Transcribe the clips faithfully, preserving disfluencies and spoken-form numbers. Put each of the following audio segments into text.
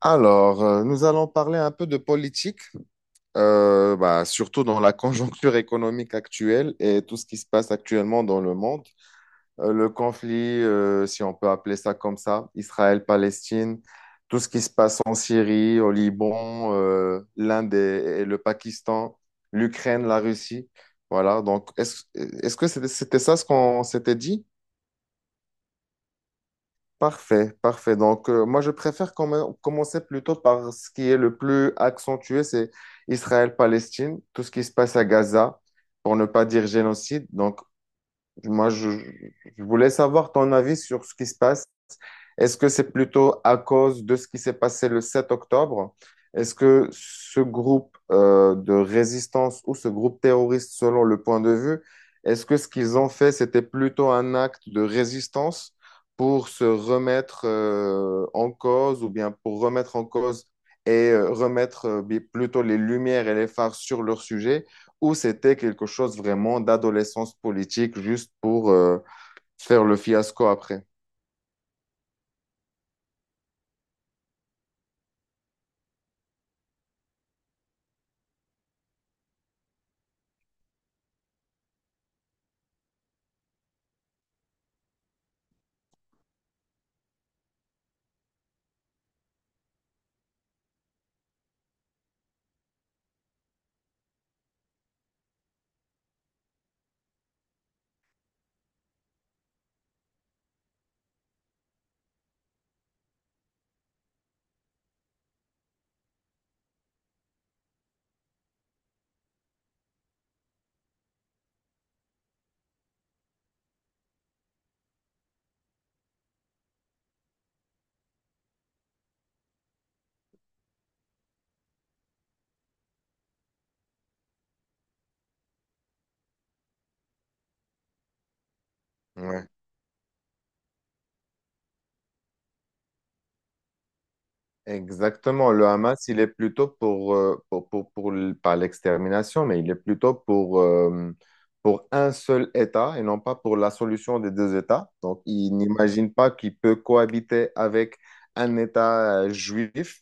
Alors, euh, nous allons parler un peu de politique, euh, bah, surtout dans la conjoncture économique actuelle et tout ce qui se passe actuellement dans le monde. Euh, le conflit, euh, si on peut appeler ça comme ça, Israël-Palestine, tout ce qui se passe en Syrie, au Liban, euh, l'Inde et, et le Pakistan, l'Ukraine, la Russie. Voilà, donc est-ce, est-ce que c'était c'était ça ce qu'on s'était dit? Parfait, parfait. Donc, euh, moi, je préfère commen- commencer plutôt par ce qui est le plus accentué, c'est Israël-Palestine, tout ce qui se passe à Gaza, pour ne pas dire génocide. Donc, moi, je, je voulais savoir ton avis sur ce qui se passe. Est-ce que c'est plutôt à cause de ce qui s'est passé le sept octobre? Est-ce que ce groupe euh, de résistance ou ce groupe terroriste, selon le point de vue, est-ce que ce qu'ils ont fait, c'était plutôt un acte de résistance pour se remettre euh, en cause ou bien pour remettre en cause et euh, remettre euh, bi- plutôt les lumières et les phares sur leur sujet, ou c'était quelque chose vraiment d'adolescence politique juste pour euh, faire le fiasco après? Ouais. Exactement. Le Hamas, il est plutôt pour, euh, pour, pour, pour l- pas l'extermination, mais il est plutôt pour, euh, pour un seul État et non pas pour la solution des deux États. Donc, il n'imagine pas qu'il peut cohabiter avec un État euh, juif.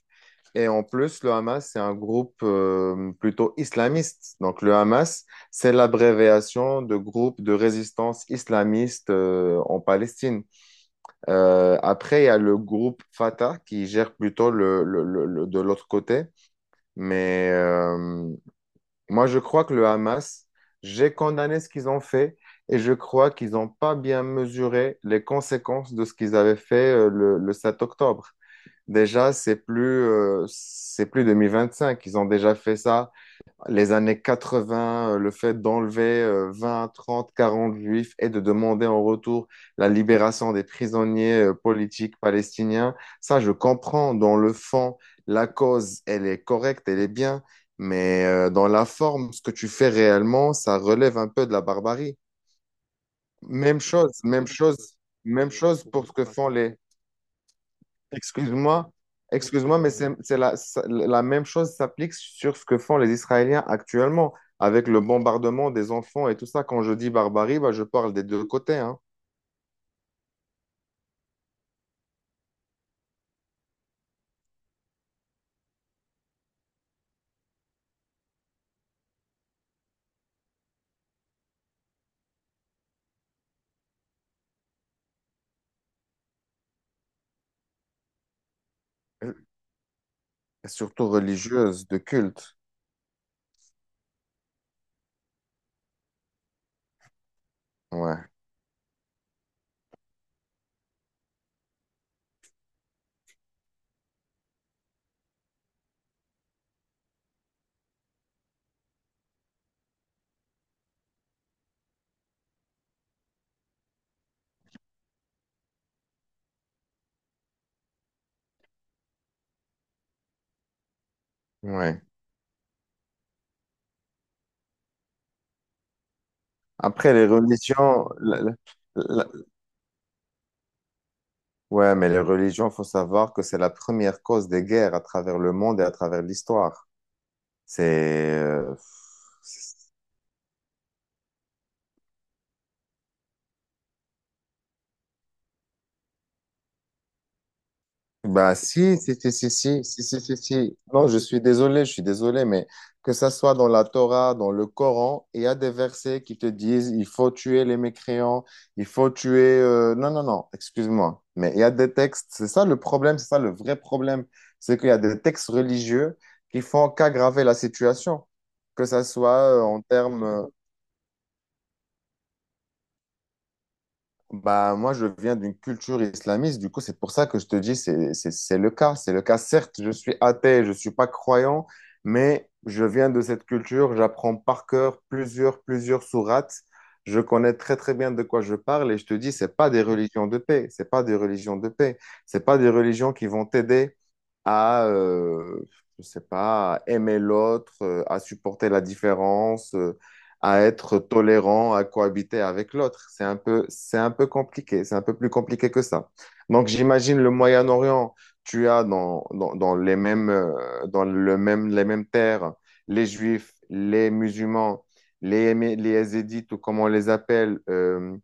Et en plus, le Hamas, c'est un groupe euh, plutôt islamiste. Donc, le Hamas, c'est l'abréviation de groupe de résistance islamiste euh, en Palestine. Euh, après, il y a le groupe Fata qui gère plutôt le, le- le- le- de l'autre côté. Mais euh, moi, je crois que le Hamas, j'ai condamné ce qu'ils ont fait et je crois qu'ils n'ont pas bien mesuré les conséquences de ce qu'ils avaient fait euh, le, le sept octobre. Déjà, c'est plus, euh, c'est plus deux mille vingt cinq. Ils ont déjà fait ça les années quatre-vingts, euh, le fait d'enlever euh, vingt, trente, quarante juifs et de demander en retour la libération des prisonniers euh, politiques palestiniens, ça je comprends. Dans le fond, la cause, elle est correcte, elle est bien, mais euh, dans la forme, ce que tu fais réellement, ça relève un peu de la barbarie. Même chose, même chose, même chose pour ce que font les... Excuse-moi, excuse-moi, mais c'est c'est la, ça- la même chose s'applique sur ce que font les Israéliens actuellement avec le bombardement des enfants et tout ça. Quand je dis barbarie, bah, je parle des deux côtés, hein. Surtout religieuse, de culte. Ouais, ouais. Après, les religions, la- la- la- ouais, mais les religions, faut savoir que c'est la première cause des guerres à travers le monde et à travers l'histoire. C'est, euh, Bah, si, si, si, si, si, si, si, si, si. Non, je suis désolé, je suis désolé, mais que ça soit dans la Torah, dans le Coran, il y a des versets qui te disent il faut tuer les mécréants, il faut tuer. euh, Non, non, non, excuse-moi. Mais il y a des textes, c'est ça le problème, c'est ça le vrai problème. C'est qu'il y a des textes religieux qui font qu'aggraver la situation, que ça soit euh, en termes. euh, Bah, moi, je viens d'une culture islamiste, du coup, c'est pour ça que je te dis, c'est, c'est, c'est le cas. C'est le cas. Certes, je suis athée, je ne suis pas croyant, mais je viens de cette culture, j'apprends par cœur plusieurs, plusieurs sourates. Je connais très, très bien de quoi je parle et je te dis, c'est pas des religions de paix, c'est pas des religions de paix, c'est pas des religions qui vont t'aider à, euh, je sais pas, à aimer l'autre, euh, à supporter la différence, euh, à être tolérant, à cohabiter avec l'autre. C'est un peu, c'est un peu compliqué, c'est un peu plus compliqué que ça. Donc j'imagine le Moyen-Orient, tu as dans, dans, dans les mêmes, euh, dans le même, les mêmes terres, les Juifs, les musulmans, les, Yémé- les Yézidis, ou comme on les appelle, euh,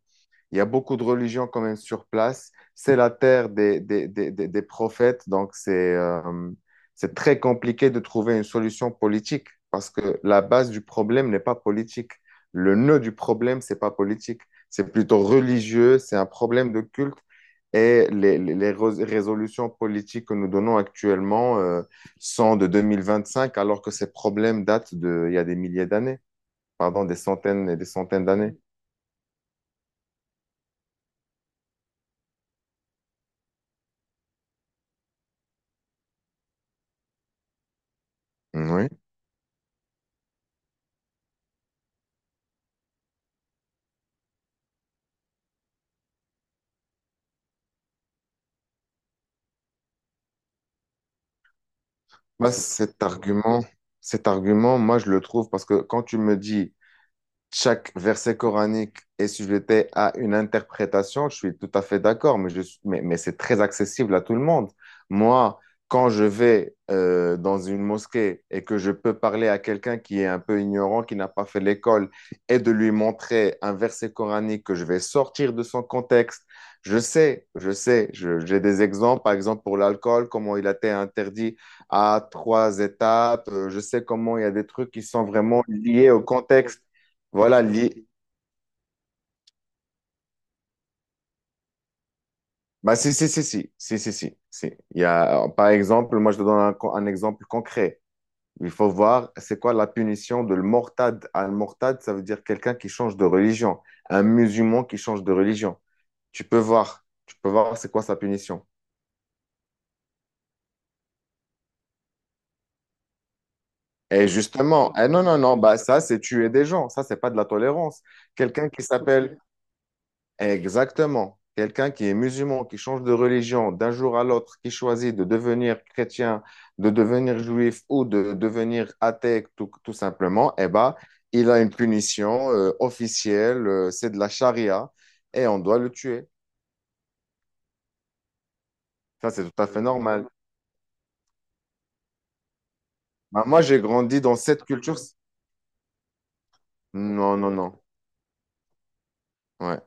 il y a beaucoup de religions quand même sur place. C'est la terre des, des, des, des, des prophètes, donc c'est euh, c'est très compliqué de trouver une solution politique parce que la base du problème n'est pas politique. Le nœud du problème, c'est pas politique. C'est plutôt religieux, c'est un problème de culte. Et les, les- les rés- résolutions politiques que nous donnons actuellement euh, sont de deux mille vingt-cinq, alors que ces problèmes datent de, il y a des milliers d'années, pardon, des centaines et des centaines d'années. Oui. Moi, cet argument, cet argument, moi, je le trouve parce que quand tu me dis chaque verset coranique est sujeté à une interprétation, je suis tout à fait d'accord, mais, je suis- mais, mais c'est très accessible à tout le monde. Moi, quand je vais euh, dans une mosquée et que je peux parler à quelqu'un qui est un peu ignorant, qui n'a pas fait l'école, et de lui montrer un verset coranique que je vais sortir de son contexte, je sais, je sais, je- j'ai des exemples, par exemple pour l'alcool, comment il a été interdit à trois étapes, euh, je sais comment il y a des trucs qui sont vraiment liés au contexte. Voilà, lié. Bah, si, si, si, si, si, si, si, si. Il y a, euh, par exemple, moi, je te donne un, co- un exemple concret. Il faut voir, c'est quoi la punition de le mortad? Al mortad, ça veut dire quelqu'un qui change de religion, un musulman qui change de religion. Tu peux voir, tu peux voir, c'est quoi sa punition. Et justement, eh non, non, non, bah, ça, c'est tuer des gens. Ça, c'est pas de la tolérance. Quelqu'un qui s'appelle, exactement. Quelqu'un qui est musulman, qui change de religion d'un jour à l'autre, qui choisit de devenir chrétien, de devenir juif ou de devenir athée tout, tout simplement, eh ben, il a une punition euh, officielle, euh, c'est de la charia et on doit le tuer. Ça, c'est tout à fait normal. Bah, moi, j'ai grandi dans cette culture. Non, non, non. Ouais.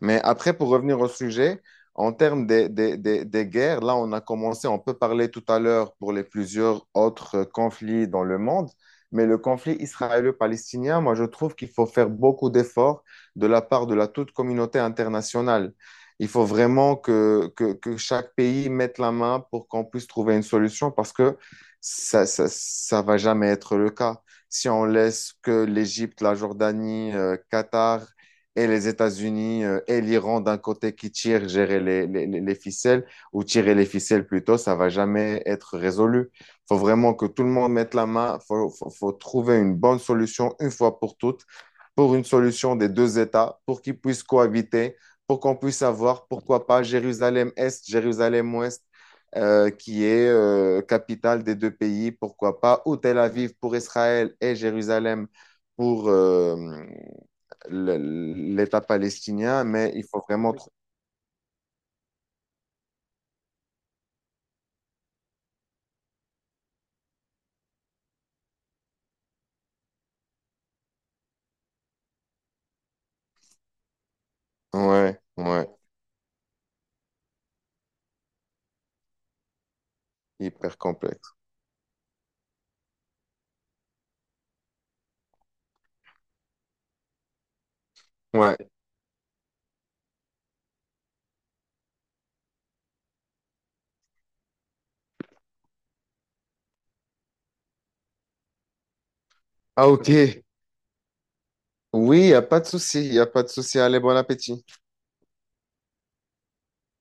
Mais après, pour revenir au sujet, en termes des, des- des- des guerres, là, on a commencé, on peut parler tout à l'heure pour les plusieurs autres euh, conflits dans le monde, mais le conflit israélo-palestinien, moi, je trouve qu'il faut faire beaucoup d'efforts de la part de la toute communauté internationale. Il faut vraiment que, que, que chaque pays mette la main pour qu'on puisse trouver une solution parce que ça, ça, ça va jamais être le cas. Si on laisse que l'Égypte, la Jordanie, euh, Qatar, et les États-Unis euh, et l'Iran d'un côté qui tirent, gérer les, les, les, ficelles, ou tirer les ficelles plutôt, ça va jamais être résolu. Il faut vraiment que tout le monde mette la main, il faut, faut, faut, trouver une bonne solution une fois pour toutes, pour une solution des deux États, pour qu'ils puissent cohabiter, pour qu'on puisse avoir, pourquoi pas, Jérusalem-Est, Jérusalem-Ouest. Euh, qui est euh, capitale des deux pays, pourquoi pas, ou Tel Aviv pour Israël et Jérusalem pour, euh, le- l'État palestinien, mais il faut vraiment... Oui. Ouais, ouais, hyper complexe. Ouais. Ah, ok. Oui, il n'y a pas de souci, il n'y a pas de souci. Allez, bon appétit.